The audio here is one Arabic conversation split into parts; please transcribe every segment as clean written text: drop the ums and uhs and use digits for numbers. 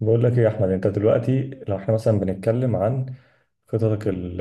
بقول لك ايه يا احمد. انت دلوقتي لو احنا مثلا بنتكلم عن خططك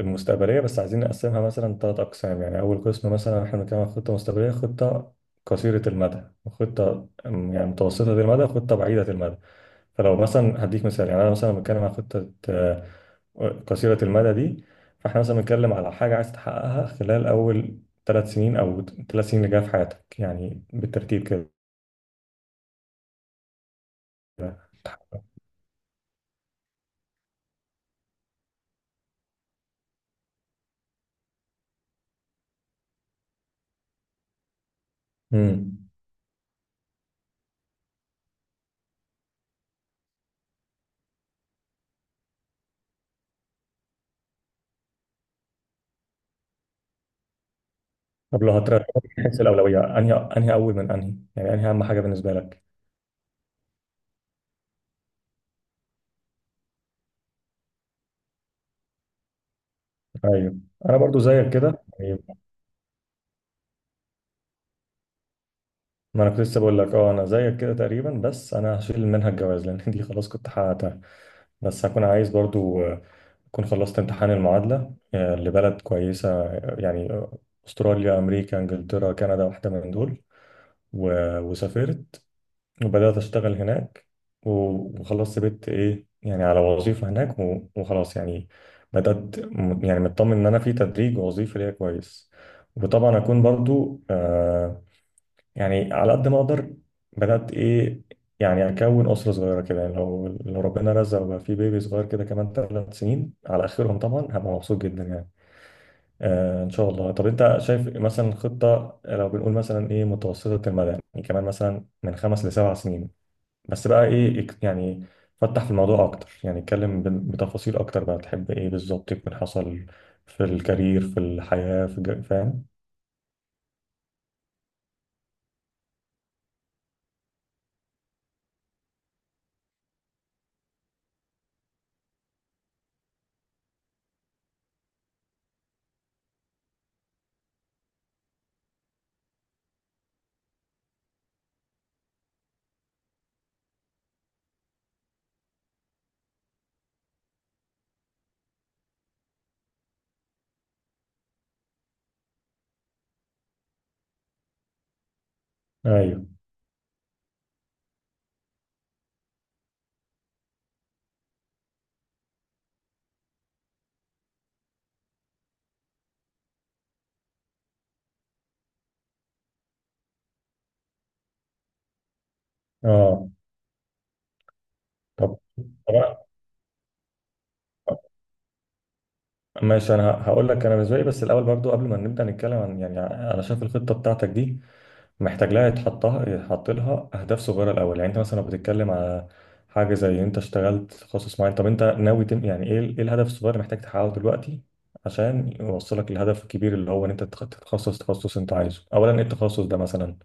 المستقبليه، بس عايزين نقسمها مثلا ثلاث اقسام. يعني اول قسم مثلا احنا بنتكلم عن خطه مستقبليه، خطه قصيره المدى، وخطه يعني متوسطه المدى، وخطه بعيده المدى. فلو مثلا هديك مثال، يعني انا مثلا بتكلم عن خطه قصيره المدى دي. فاحنا مثلا بنتكلم على حاجه عايز تحققها خلال اول ثلاث سنين، او ثلاث سنين اللي جايه في حياتك، يعني بالترتيب كده. امم. طب لو هترتب من حيث الأولوية، أنهي أول؟ من يعني أنهي أهم حاجة بالنسبة لك؟ أيوه. أنا برضو زيك كده يعني. ما أنا كنت لسه بقول لك أنا زيك كده تقريبا، بس أنا هشيل منها الجواز لأن دي خلاص كنت حققتها. بس هكون عايز برضو أكون خلصت امتحان المعادلة لبلد كويسة، أستراليا، أمريكا، إنجلترا، كندا، واحدة من دول. و- وسافرت وبدأت أشتغل هناك، و- وخلاص سبت إيه يعني على وظيفة هناك، و- وخلاص يعني بدأت يعني مطمن إن أنا في تدريج ووظيفة ليا كويس. وطبعا أكون برضو يعني على قد ما أقدر بدأت إيه يعني أكون أسرة صغيرة كده. يعني لو ربنا رزق وبقى في بيبي صغير كده كمان ثلاث سنين على آخرهم، طبعا هبقى مبسوط جدا يعني. إن شاء الله. طب أنت شايف مثلا خطة، لو بنقول مثلا إيه، متوسطة المدى، يعني كمان مثلا من خمس لسبع سنين، بس بقى ايه، يعني فتح في الموضوع اكتر، يعني اتكلم ب- بتفاصيل اكتر، بقى تحب ايه بالظبط يكون حصل في الكارير، في الحياة، في فاهم؟ ايوه. اه. طب طب ماشي. انا هقول لك انا بالنسبه لي، بس الاول برضو قبل ما نبدا نتكلم، عن يعني انا شايف الخطه بتاعتك دي محتاج لها يتحط لها اهداف صغيره الاول. يعني انت مثلا لو بتتكلم على حاجه زي انت اشتغلت في تخصص معين، طب انت ناوي يعني ايه الهدف الصغير اللي محتاج تحققه دلوقتي عشان يوصلك للهدف الكبير، اللي هو ان انت تتخصص تخصص انت عايزه. اولا ايه التخصص ده مثلا؟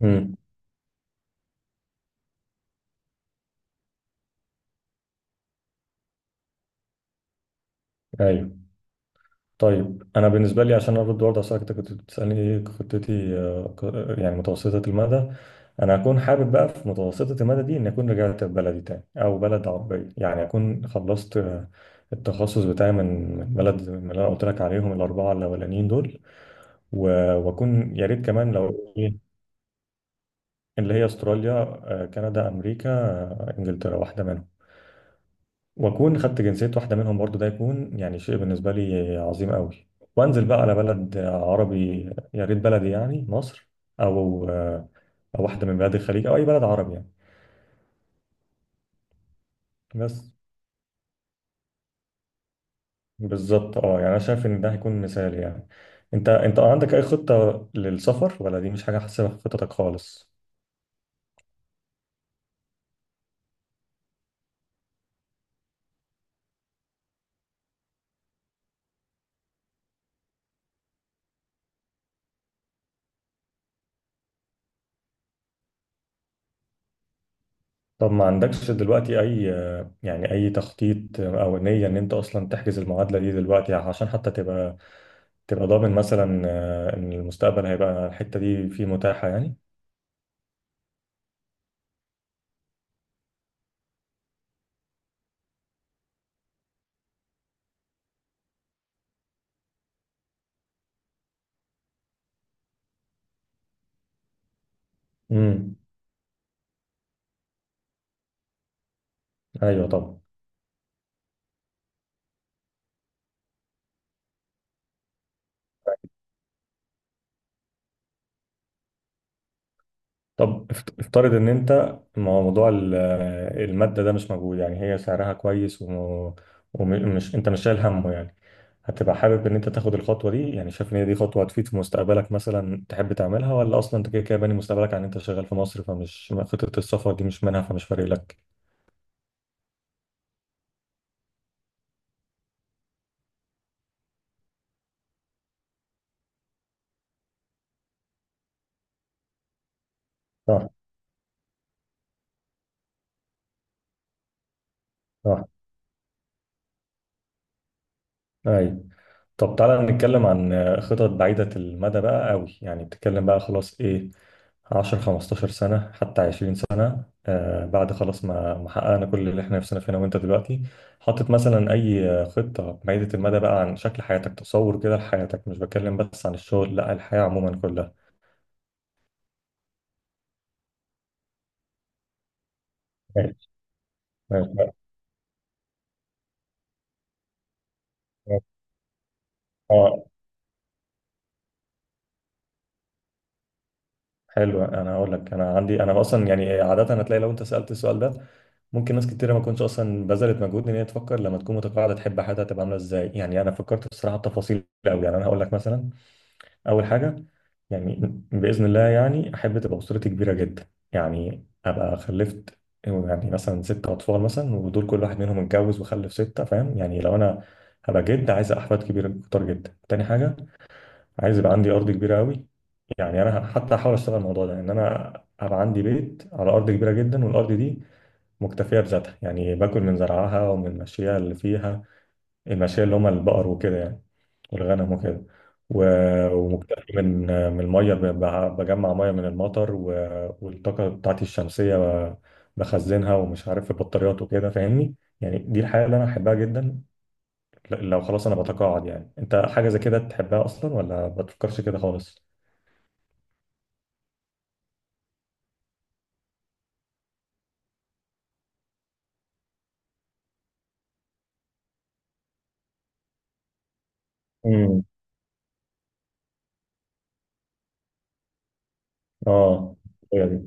امم. ايوه. طيب انا بالنسبه لي عشان ارد برضه على سؤالك، انت كنت بتسالني ايه خطتي يعني متوسطه المدى. انا هكون حابب بقى في متوسطه المدى دي ان اكون رجعت بلدي تاني، او بلد عربيه، يعني اكون خلصت التخصص بتاعي من بلد من اللي انا قلت لك عليهم، الاربعه الاولانيين دول. و- واكون يا ريت كمان لو ايه، اللي هي استراليا، كندا، امريكا، انجلترا، واحده منهم. واكون خدت جنسيه واحده منهم برضو، ده يكون يعني شيء بالنسبه لي عظيم قوي. وانزل بقى على بلد عربي، يا ريت بلدي يعني مصر، او او واحده من بلاد الخليج، او اي بلد عربي يعني. بس بالظبط، يعني انا شايف ان ده هيكون مثال يعني. انت عندك اي خطه للسفر، ولا دي مش حاجه حاسبها في خطتك خالص؟ طب ما عندكش دلوقتي اي يعني اي تخطيط او نيه ان انت اصلا تحجز المعادله دي دلوقتي، عشان حتى تبقى ضامن مثلا ان المستقبل هيبقى الحته دي فيه متاحه يعني؟ امم. ايوه طبعا. طب افترض ان انت، ما هو موضوع الماده ده مش موجود، يعني هي سعرها كويس وم- ومش انت مش شايل همه يعني، هتبقى حابب ان انت تاخد الخطوه دي؟ يعني شايف ان هي دي خطوه هتفيد في مستقبلك مثلا تحب تعملها، ولا اصلا انت كده كده باني مستقبلك عن انت شغال في مصر، فمش خطه السفر دي مش منها، فمش فارق لك؟ صح. صح. ايوه. طب تعالى نتكلم عن خطط بعيدة المدى بقى قوي، يعني بتتكلم بقى خلاص ايه، 10 15 سنة، حتى 20 سنة، بعد خلاص ما حققنا كل اللي احنا نفسنا فينا. وانت دلوقتي حاطط مثلا اي خطة بعيدة المدى بقى عن شكل حياتك، تصور كده لحياتك؟ مش بتكلم بس عن الشغل، لا الحياة عموما كلها. ماشي. ماشي. ماشي. اه. حلو. انا هقول لك، انا عندي انا اصلا يعني عادة هتلاقي لو انت سألت السؤال ده، ممكن ناس كتيرة ما تكونش اصلا بذلت مجهود ان هي تفكر لما تكون متقاعده تحب حياتها تبقى عامله ازاي. يعني انا فكرت الصراحه بتفاصيل قوي، يعني انا هقول لك مثلا. اول حاجه، يعني باذن الله يعني احب تبقى اسرتي كبيره جدا، يعني ابقى خلفت يعني مثلا ست اطفال مثلا، ودول كل واحد منهم اتجوز وخلف سته، فاهم يعني؟ لو انا هبقى جد عايز احفاد كبيره كتير جدا. تاني حاجه، عايز يبقى عندي ارض كبيره قوي، يعني انا حتى هحاول اشتغل الموضوع ده ان انا ابقى عندي بيت على ارض كبيره جدا، والارض دي مكتفية بذاتها، يعني باكل من زرعها ومن مشيها اللي فيها، المشية اللي هما البقر وكده يعني، والغنم وكده. و- ومكتفي من المية، ب- ب- بجمع مية من المطر، و- والطاقة بتاعتي الشمسية ب- بخزنها ومش عارف في بطاريات وكده، فاهمني؟ يعني دي الحياة اللي أنا أحبها جدا لو خلاص أنا بتقاعد. يعني أنت حاجة زي كده تحبها أصلا، ولا ما بتفكرش كده خالص؟ امم. اه. هي دي.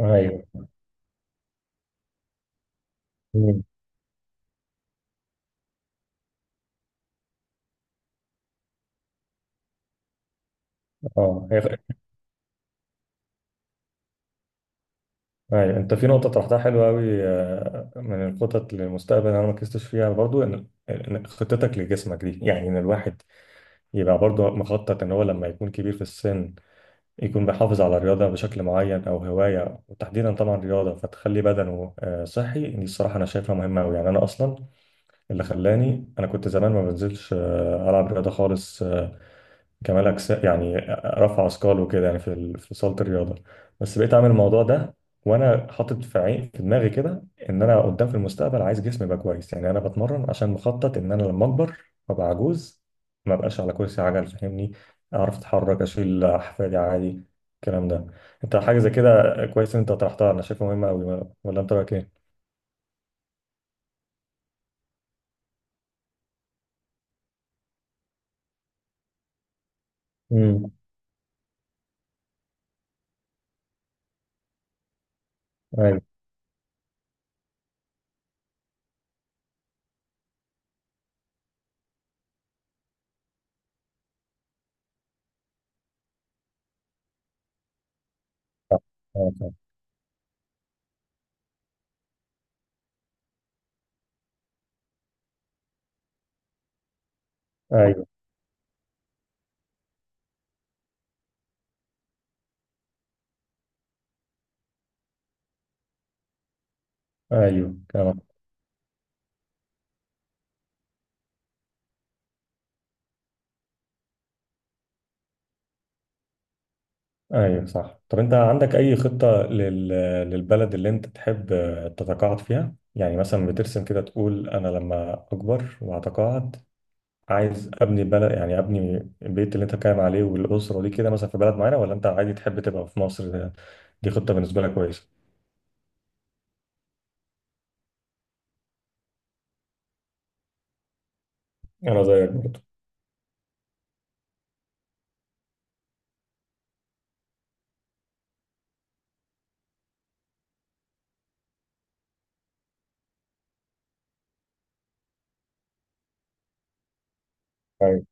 ايوه. مم. اه. هي. أيوة. انت في نقطة طرحتها حلوة أوي من الخطط للمستقبل أنا ما ركزتش فيها برضو، إن خطتك لجسمك دي، يعني إن الواحد يبقى برضو مخطط إن هو لما يكون كبير في السن يكون بيحافظ على رياضة بشكل معين، أو هواية، وتحديدا طبعا رياضة، فتخلي بدنه صحي. دي الصراحة أنا شايفها مهمة أوي، يعني أنا أصلا اللي خلاني، أنا كنت زمان ما بنزلش ألعب رياضة خالص، كمال اجسام يعني، رفع اثقال وكده يعني في صاله الرياضه، بس بقيت اعمل الموضوع ده، وانا حاطط في دماغي كده ان انا قدام في المستقبل عايز جسمي يبقى كويس. يعني انا بتمرن عشان مخطط ان انا لما اكبر وابقى عجوز، ما بقاش على كرسي عجل، فاهمني؟ اعرف اتحرك، اشيل احفادي عادي، الكلام ده. انت حاجه زي كده كويس ان انت طرحتها، انا شايفها مهمه قوي، ولا انت رايك ايه؟ امم. ايوه. آه، صح. ايوه. ايوه كلامك. ايوه صح. طب انت عندك اي خطة للبلد اللي انت تحب تتقاعد فيها؟ يعني مثلا بترسم كده تقول انا لما اكبر واتقاعد، عايز ابني بلد يعني ابني البيت اللي انت بتتكلم عليه والاسرة دي كده مثلا في بلد معينة، ولا انت عادي تحب تبقى في مصر؟ دي خطة بالنسبة لك كويسة. انا زيك برضه. ايوه.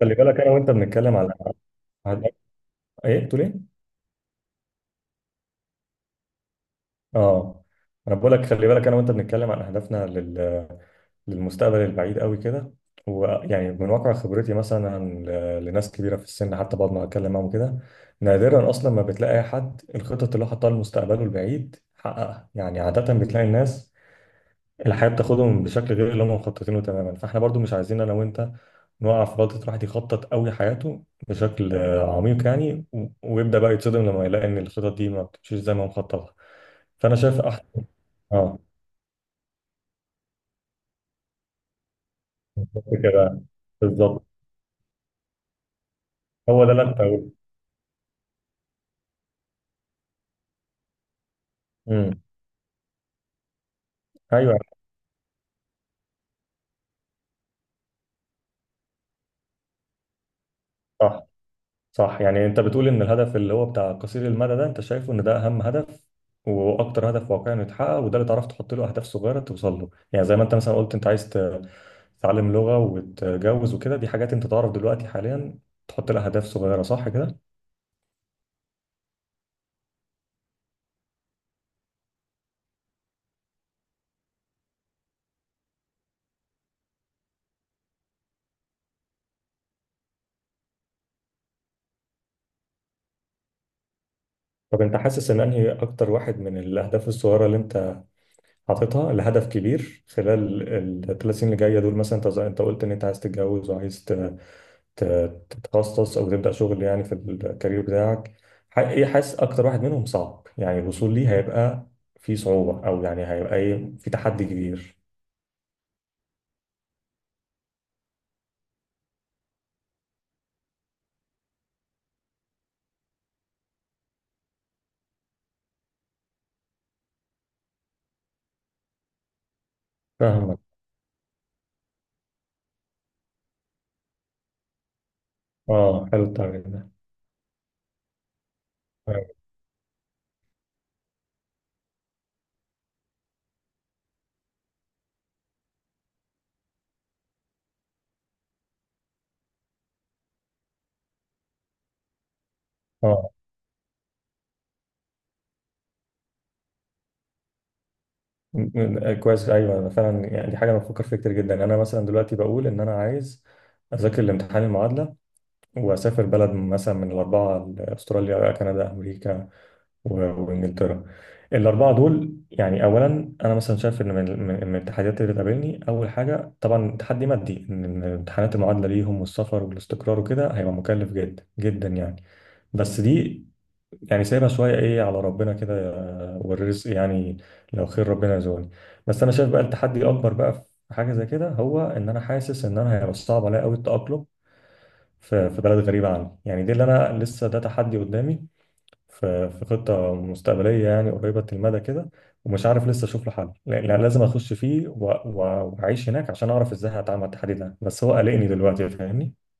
خلي بالك انا وانت بنتكلم على ايه بتقول ايه؟ اه. انا بقول لك، خلي بالك انا وانت بنتكلم عن اهدافنا للمستقبل البعيد قوي كده، ويعني من واقع خبرتي مثلا، لناس كبيره في السن، حتى بقعد ما اتكلم معاهم كده نادرا اصلا ما بتلاقي اي حد الخطط اللي هو حطها لمستقبله البعيد حققها. يعني عاده بتلاقي الناس الحياه بتاخدهم بشكل غير اللي هم مخططينه تماما. فاحنا برضو مش عايزين انا وانت نقع في غلطه الواحد يخطط قوي حياته بشكل عميق، يعني و- ويبدا بقى يتصدم لما يلاقي ان الخطط دي ما بتمشيش زي ما هو مخططها. فانا شايف احسن. اه. بالظبط كده. بالظبط. هو ده اللي انا كنت هقوله. امم. ايوه. صح. صح. يعني انت بتقول ان الهدف اللي هو بتاع قصير المدى ده انت شايفه ان ده اهم هدف، واكتر هدف واقعي انه يتحقق، وده اللي تعرف تحط له اهداف صغيره توصل له. يعني زي ما انت مثلا قلت انت عايز تتعلم لغه، وتتجوز وكده، دي حاجات انت تعرف دلوقتي حاليا تحط لها اهداف صغيره، صح كده؟ طب انت حاسس ان انهي اكتر واحد من الاهداف الصغيره اللي انت حاططها لهدف كبير خلال الثلاث سنين اللي جايه دول مثلا، انت انت قلت ان انت عايز تتجوز، وعايز ت- تتخصص او تبدا شغل يعني في الكارير بتاعك، ايه حاسس اكتر واحد منهم صعب يعني الوصول ليه؟ هيبقى في صعوبه، او يعني هيبقى ايه في تحدي كبير؟ فاهمك. اه، حلو التعبير ده. اه آه. كويس، ايوه انا فعلا يعني دي حاجه انا بفكر فيها كتير جدا. انا مثلا دلوقتي بقول ان انا عايز اذاكر الامتحان المعادله واسافر بلد مثلا من الاربعه، استراليا، كندا، امريكا، و- وانجلترا، الاربعه دول. يعني اولا انا مثلا شايف ان من التحديات اللي بتقابلني، اول حاجه طبعا تحدي مادي، إن امتحانات المعادله ليهم والسفر والاستقرار وكده هيبقى مكلف جدا جدا يعني. بس دي يعني سايبها شويه ايه على ربنا كده، والرزق يعني لو خير ربنا يرزقني. بس انا شايف بقى التحدي الاكبر بقى في حاجه زي كده، هو ان انا حاسس ان انا هيبقى صعب عليا قوي التاقلم في في بلد غريبه عني. يعني دي اللي انا لسه ده تحدي قدامي في في خطة مستقبلية يعني قريبة المدى كده، ومش عارف لسه أشوف له حل. لا، لازم أخش فيه و- و- وأعيش هناك عشان أعرف إزاي هتعامل مع التحدي ده، بس هو قلقني دلوقتي فاهمني.